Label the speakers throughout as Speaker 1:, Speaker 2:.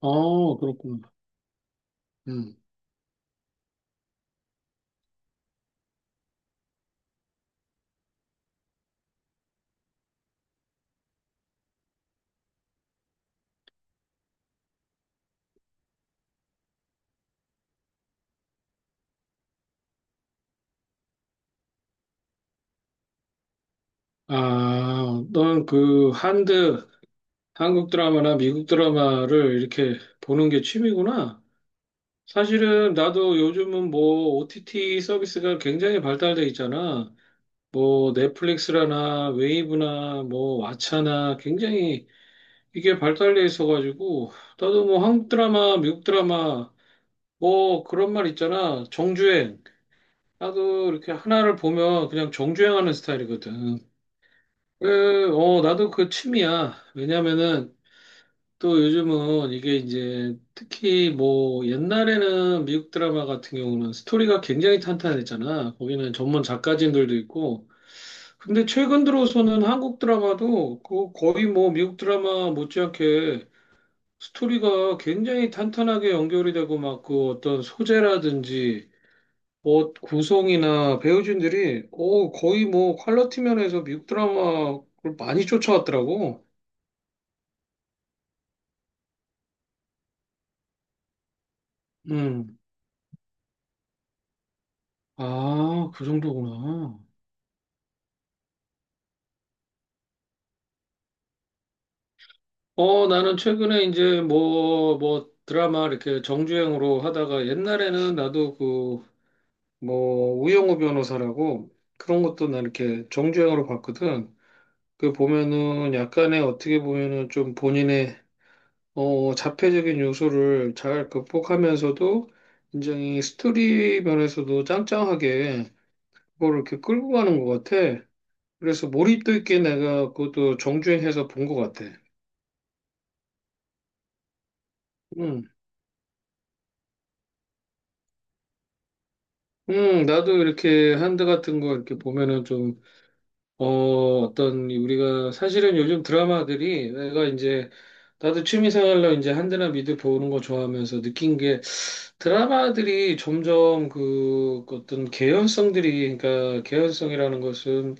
Speaker 1: 어, 그렇구나. 음. 아, 넌 그 한드, 한국 드라마나 미국 드라마를 이렇게 보는 게 취미구나. 사실은 나도 요즘은 뭐 OTT 서비스가 굉장히 발달돼 있잖아. 뭐 넷플릭스라나 웨이브나 뭐 왓챠나 굉장히 이게 발달돼 있어가지고 나도 뭐 한국 드라마, 미국 드라마 뭐 그런 말 있잖아. 정주행. 나도 이렇게 하나를 보면 그냥 정주행하는 스타일이거든. 나도 그 취미야. 왜냐면은 또 요즘은 이게 이제 특히 뭐 옛날에는 미국 드라마 같은 경우는 스토리가 굉장히 탄탄했잖아. 거기는 전문 작가진들도 있고. 근데 최근 들어서는 한국 드라마도 그 거의 뭐 미국 드라마 못지않게 스토리가 굉장히 탄탄하게 연결이 되고 막 그 어떤 소재라든지 뭐 구성이나 배우진들이 거의 뭐 퀄리티 면에서 미국 드라마를 많이 쫓아왔더라고. 음. 아, 그 정도구나. 나는 최근에 이제 뭐 드라마 이렇게 정주행으로 하다가 옛날에는 나도 우영우 변호사라고 그런 것도 나 이렇게 정주행으로 봤거든. 그 보면은 약간의 어떻게 보면은 좀 본인의 자폐적인 요소를 잘 극복하면서도 굉장히 스토리 면에서도 짱짱하게 그걸 이렇게 끌고 가는 것 같아. 그래서 몰입도 있게 내가 그것도 정주행해서 본 것 같아. 음, 나도 이렇게 한드 같은 거 이렇게 보면은 좀, 어, 이 우리가 사실은 요즘 드라마들이 내가 이제, 나도 취미생활로 이제 한드나 미드 보는 거 좋아하면서 느낀 게 드라마들이 점점 그 어떤 개연성들이, 그러니까 개연성이라는 것은,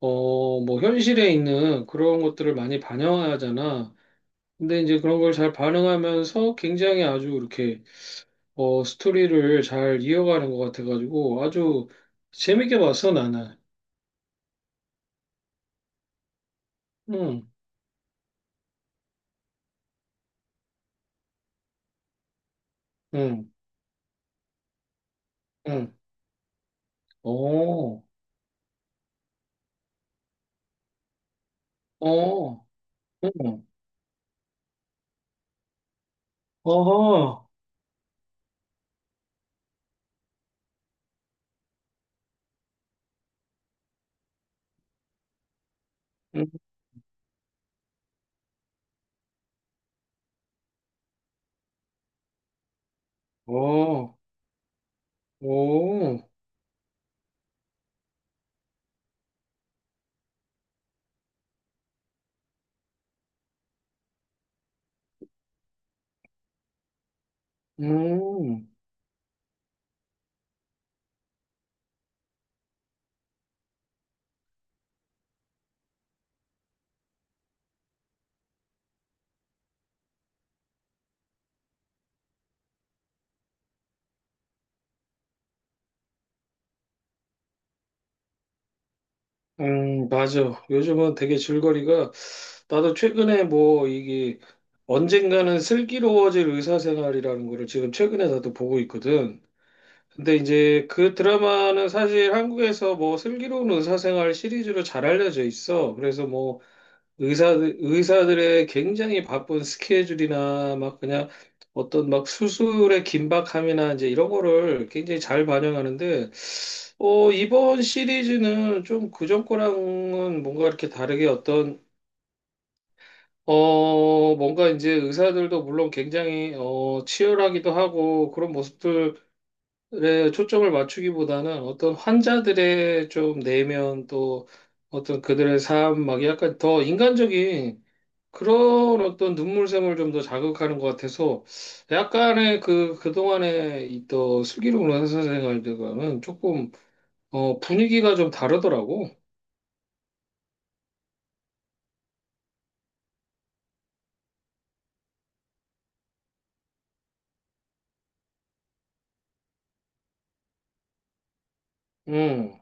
Speaker 1: 뭐 현실에 있는 그런 것들을 많이 반영하잖아. 근데 이제 그런 걸 잘 반영하면서 굉장히 아주 이렇게 스토리를 잘 이어가는 것 같아가지고 아주 재밌게 봤어, 나는. 응, 응, 응. 어, 어, 응. 어허, 응, 어, 오, 음, 맞아. 요즘은 되게 줄거리가 나도 최근에 뭐 이게 언젠가는 슬기로워질 의사생활이라는 거를 지금 최근에 나도 보고 있거든. 근데 이제 그 드라마는 사실 한국에서 뭐 슬기로운 의사생활 시리즈로 잘 알려져 있어. 그래서 뭐 의사들의 굉장히 바쁜 스케줄이나 막 그냥 어떤 막 수술의 긴박함이나 이제 이런 거를 굉장히 잘 반영하는데, 이번 시리즈는 좀 그전 거랑은 뭔가 이렇게 다르게 뭔가 이제 의사들도 물론 굉장히 치열하기도 하고 그런 모습들 에 초점을 맞추기보다는 어떤 환자들의 좀 내면 또 어떤 그들의 삶, 막 약간 더 인간적인 그런 어떤 눈물샘을 좀 더 자극하는 것 같아서 약간의 그동안에 있던 슬기로운 의사 생활들과는 조금, 분위기가 좀 다르더라고. 음,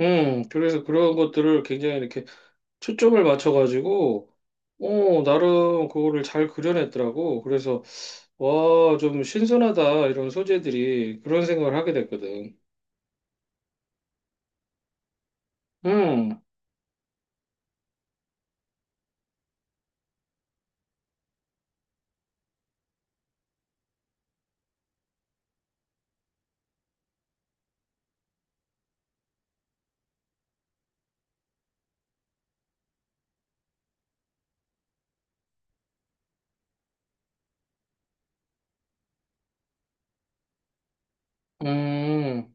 Speaker 1: 그래서 그런 것들을 굉장히 이렇게 초점을 맞춰가지고, 나름 그거를 잘 그려냈더라고. 그래서 와, 좀 신선하다, 이런 소재들이. 그런 생각을 하게 됐거든. 음, 음,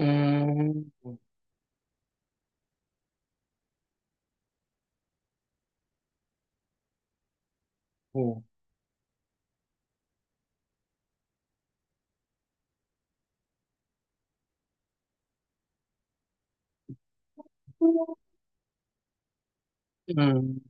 Speaker 1: 음, 오, 음,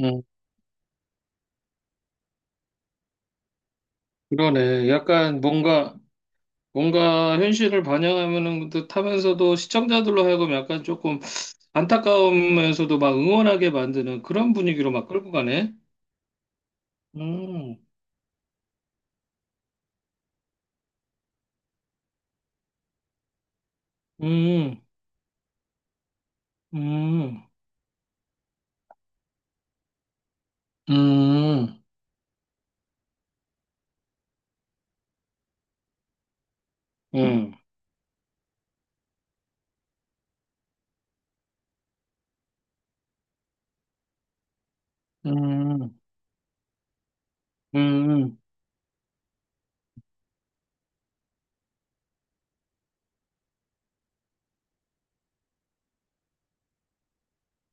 Speaker 1: 음. 그러네. 약간 뭔가 현실을 반영하는 듯하면서도 시청자들로 하여금 약간 조금 안타까우면서도 막 응원하게 만드는 그런 분위기로 막 끌고 가네. 음, 음, 음, 음, 음, 음, 음,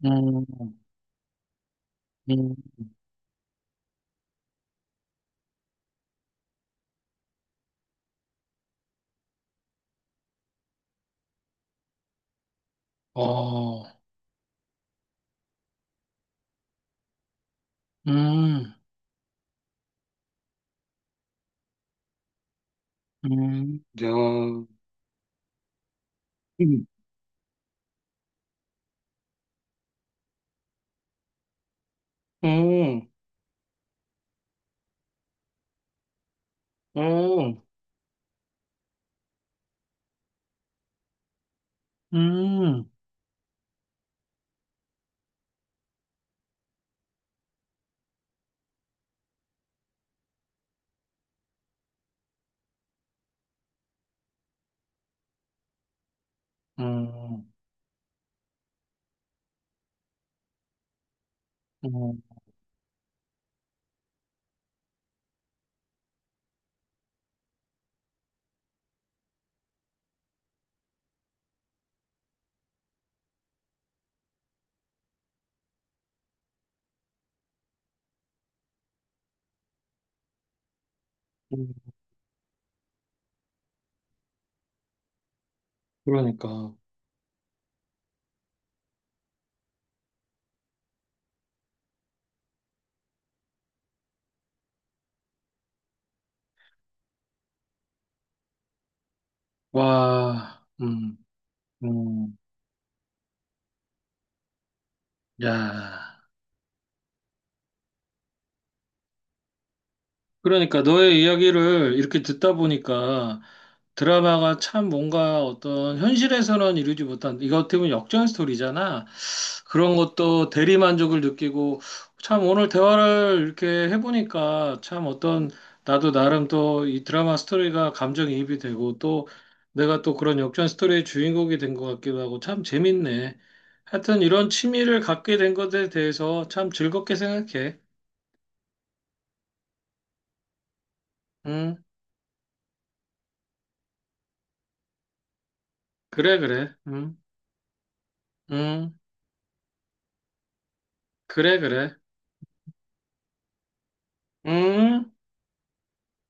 Speaker 1: 음, 음. 어, 음, 야, 음, 음, 음, 음, 음, 음. 그러니까. 와, 음, 야. 그러니까 너의 이야기를 이렇게 듣다 보니까 드라마가 참 뭔가 어떤 현실에서는 이루지 못한, 이거 어떻게 보면 역전 스토리잖아. 그런 것도 대리만족을 느끼고 참 오늘 대화를 이렇게 해보니까 참 어떤 나도 나름 또 이 드라마 스토리가 감정이입이 되고 또 내가 또 그런 역전 스토리의 주인공이 된 것 같기도 하고 참 재밌네. 하여튼 이런 취미를 갖게 된 것에 대해서 참 즐겁게 생각해. 응, 그래, 그래. 응, 응. 그래, 그래. 음.